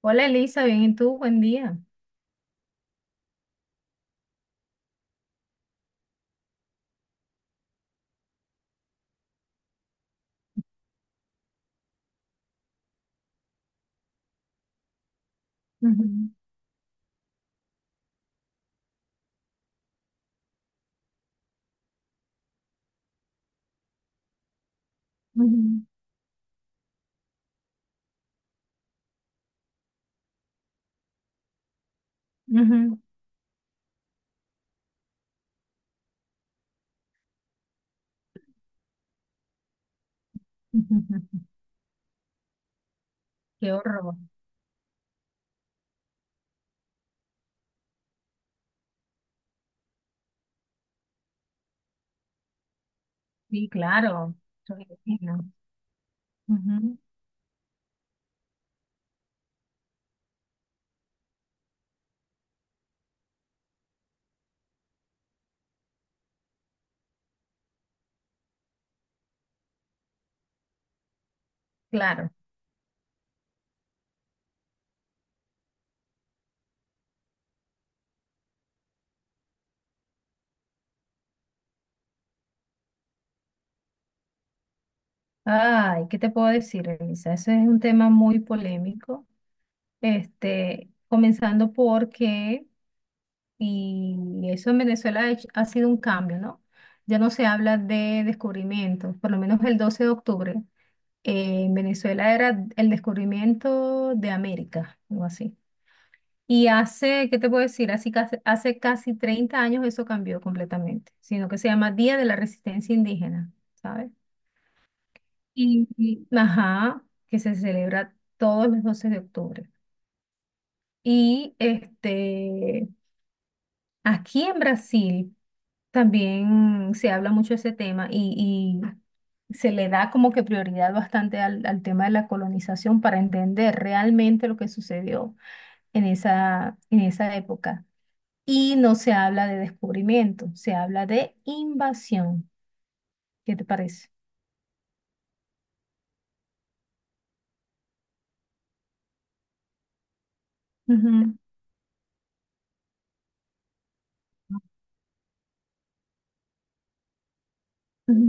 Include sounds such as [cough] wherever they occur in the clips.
Hola Elisa, bien, ¿y tú? Buen día. Ujú, ujú, ujú, [laughs] ujú. Qué horror. Sí, claro. Yo me imagino. Ujú, claro. Ay, ¿qué te puedo decir, Elisa? Ese es un tema muy polémico. Este, comenzando porque, y eso en Venezuela ha sido un cambio, ¿no? Ya no se habla de descubrimientos, por lo menos el 12 de octubre. En Venezuela era el descubrimiento de América, algo así. Y hace, ¿qué te puedo decir? Así casi, hace, casi 30 años eso cambió completamente, sino que se llama Día de la Resistencia Indígena, ¿sabes? Ajá, que se celebra todos los 12 de octubre. Y este, aquí en Brasil también se habla mucho de ese tema y se le da como que prioridad bastante al, al tema de la colonización para entender realmente lo que sucedió en esa época. Y no se habla de descubrimiento, se habla de invasión. ¿Qué te parece? Ujú, ujú.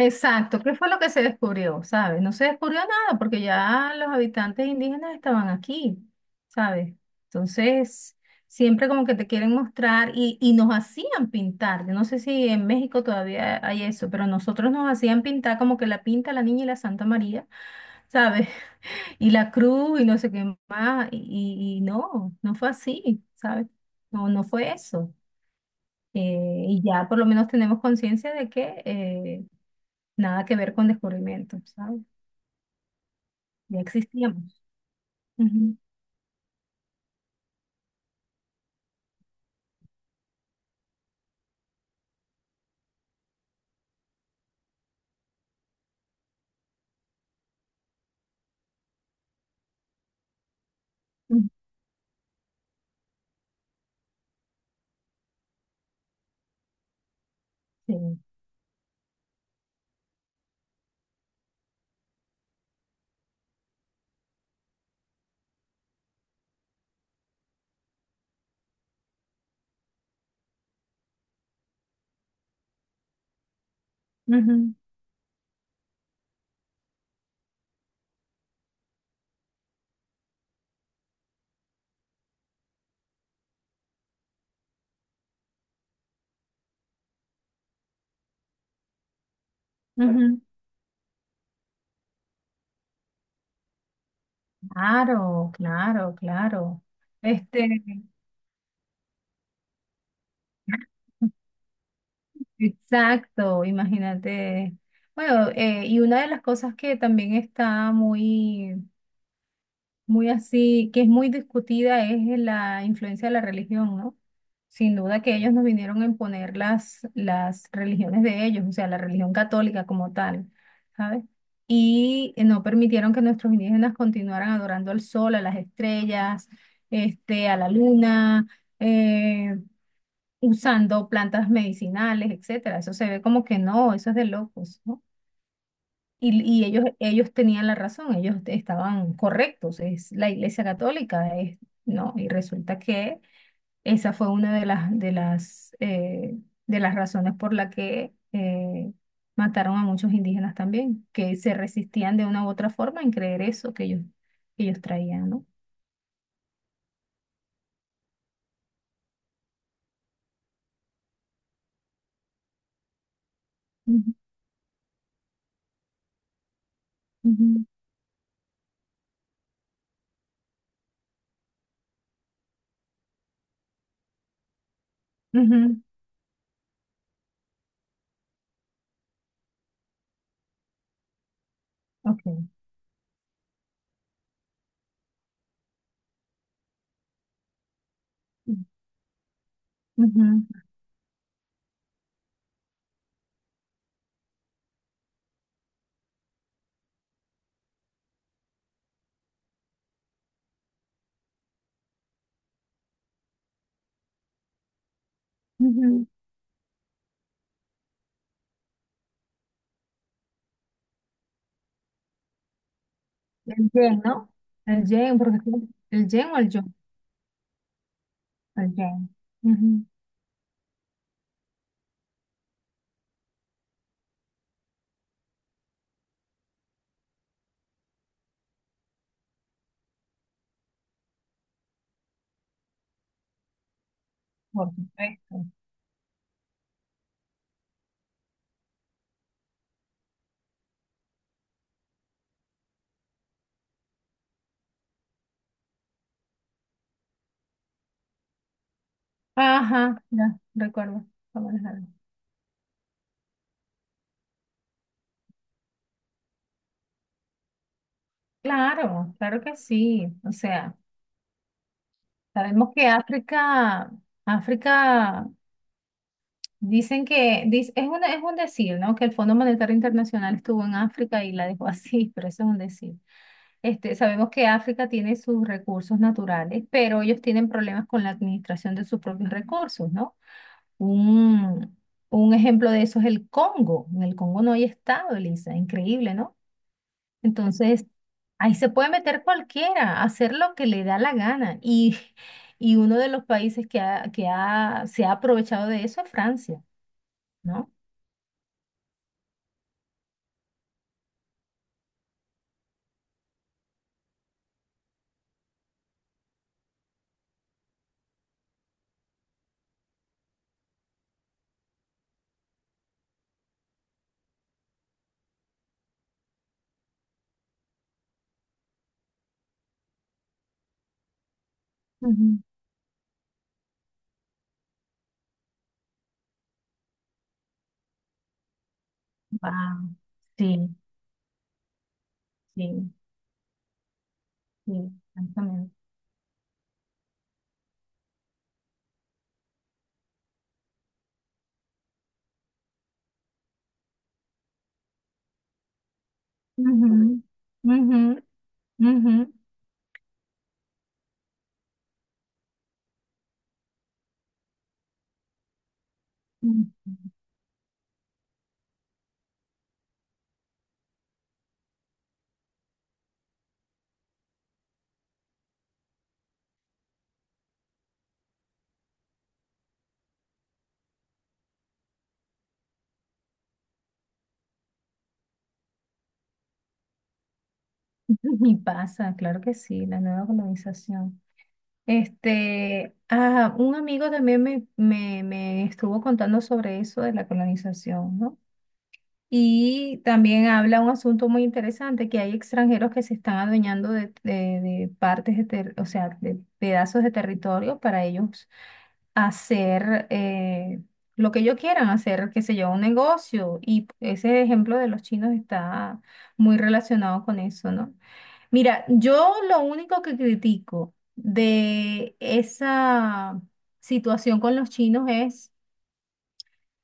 Exacto, ¿qué fue lo que se descubrió? ¿Sabes? No se descubrió nada porque ya los habitantes indígenas estaban aquí, ¿sabes? Entonces, siempre como que te quieren mostrar y nos hacían pintar. Yo no sé si en México todavía hay eso, pero nosotros nos hacían pintar como que la pinta la niña y la Santa María, ¿sabes? Y la cruz y no sé qué más, y no, no fue así, ¿sabes? No, no fue eso. Y ya por lo menos tenemos conciencia de que nada que ver con descubrimiento, ¿sabes? Ya existíamos. Ujú, ujú, sí. Ujú, ujú. Claro, claro, claro. Este, exacto, imagínate. Bueno, y una de las cosas que también está muy muy así, que es muy discutida, es la influencia de la religión, ¿no? Sin duda que ellos nos vinieron a imponer las religiones de ellos, o sea, la religión católica como tal, ¿sabes? Y no permitieron que nuestros indígenas continuaran adorando al sol, a las estrellas, este, a la luna, eh, usando plantas medicinales, etcétera. Eso se ve como que no, eso es de locos, ¿no? Y ellos tenían la razón, ellos estaban correctos, es la Iglesia Católica, es, no, y resulta que esa fue una de las razones por la que mataron a muchos indígenas también, que se resistían de una u otra forma en creer eso que ellos traían, no. Ujú, ujú, ujú, ok. Ujú, ujú. El yen, ¿no? El yen, porque el yen o el yo, el yen. Ujú, por supuesto. Ajá, ya, recuerdo cómo les hablo. Claro, claro que sí. O sea, sabemos que África, África, dicen que, es una, es un decir, ¿no? Que el Fondo Monetario Internacional estuvo en África y la dejó así, [laughs] pero eso es un decir. Este, sabemos que África tiene sus recursos naturales, pero ellos tienen problemas con la administración de sus propios recursos, ¿no? Un, un ejemplo de eso es el Congo. En el Congo no hay estado, Elisa, increíble, ¿no? Entonces, ahí se puede meter cualquiera, hacer lo que le da la gana. Y, [laughs] y uno de los países que, se ha aprovechado de eso es Francia, ¿no? Ujú. Wow. Sí, sí, sí, exactamente. Ujú, ujú, ujú. Ujú. [laughs] Y pasa, claro que sí, la nueva colonización. Este, ah, un amigo también me estuvo contando sobre eso de la colonización, ¿no? Y también habla un asunto muy interesante, que hay extranjeros que se están adueñando de partes, o sea, de pedazos de territorio para ellos hacer lo que ellos quieran, hacer, qué sé yo, un negocio. Y ese ejemplo de los chinos está muy relacionado con eso, ¿no? Mira, yo lo único que critico de esa situación con los chinos es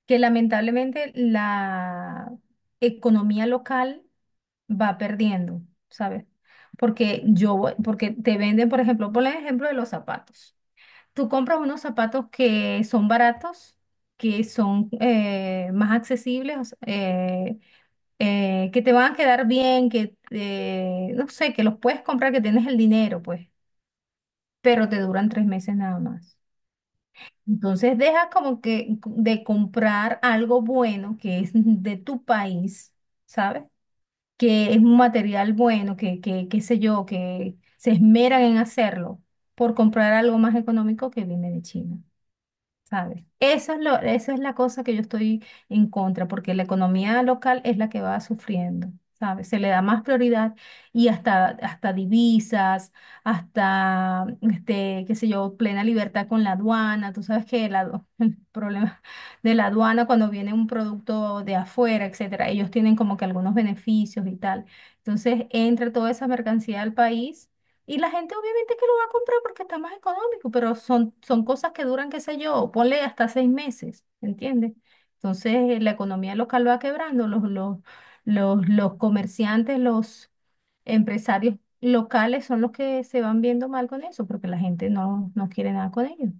que lamentablemente la economía local va perdiendo, ¿sabes? Porque yo, porque te venden, por ejemplo, por el ejemplo de los zapatos. Tú compras unos zapatos que son baratos, que son más accesibles, o sea, que te van a quedar bien, que no sé, que los puedes comprar, que tienes el dinero, pues, pero te duran 3 meses nada más. Entonces dejas como que de comprar algo bueno que es de tu país, ¿sabes? Que es un material bueno, qué sé yo, que se esmeran en hacerlo por comprar algo más económico que viene de China. ¿Sabes? Eso es lo, eso es la cosa que yo estoy en contra, porque la economía local es la que va sufriendo, ¿sabes? Se le da más prioridad y hasta, hasta divisas, hasta, este, qué sé yo, plena libertad con la aduana. Tú sabes que [laughs] el problema de la aduana cuando viene un producto de afuera, etcétera, ellos tienen como que algunos beneficios y tal. Entonces entra toda esa mercancía al país. Y la gente obviamente que lo va a comprar porque está más económico, pero son, cosas que duran, qué sé yo, ponle hasta 6 meses, ¿entiendes? Entonces la economía local va quebrando, los comerciantes, los empresarios locales son los que se van viendo mal con eso, porque la gente no, no quiere nada con ellos.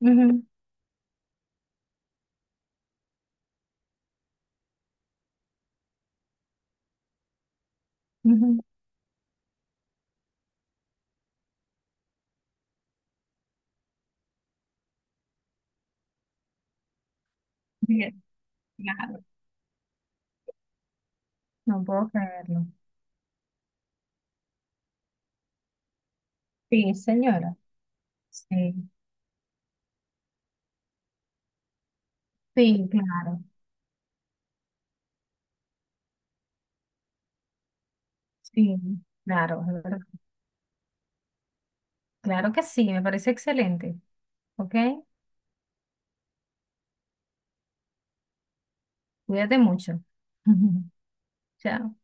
Ujú, ujú. Bien, claro. No puedo creerlo. Sí, señora. Sí, sí, claro. Sí, claro, es verdad. Claro que sí, me parece excelente. ¿Ok? Cuídate mucho. [laughs] Chao.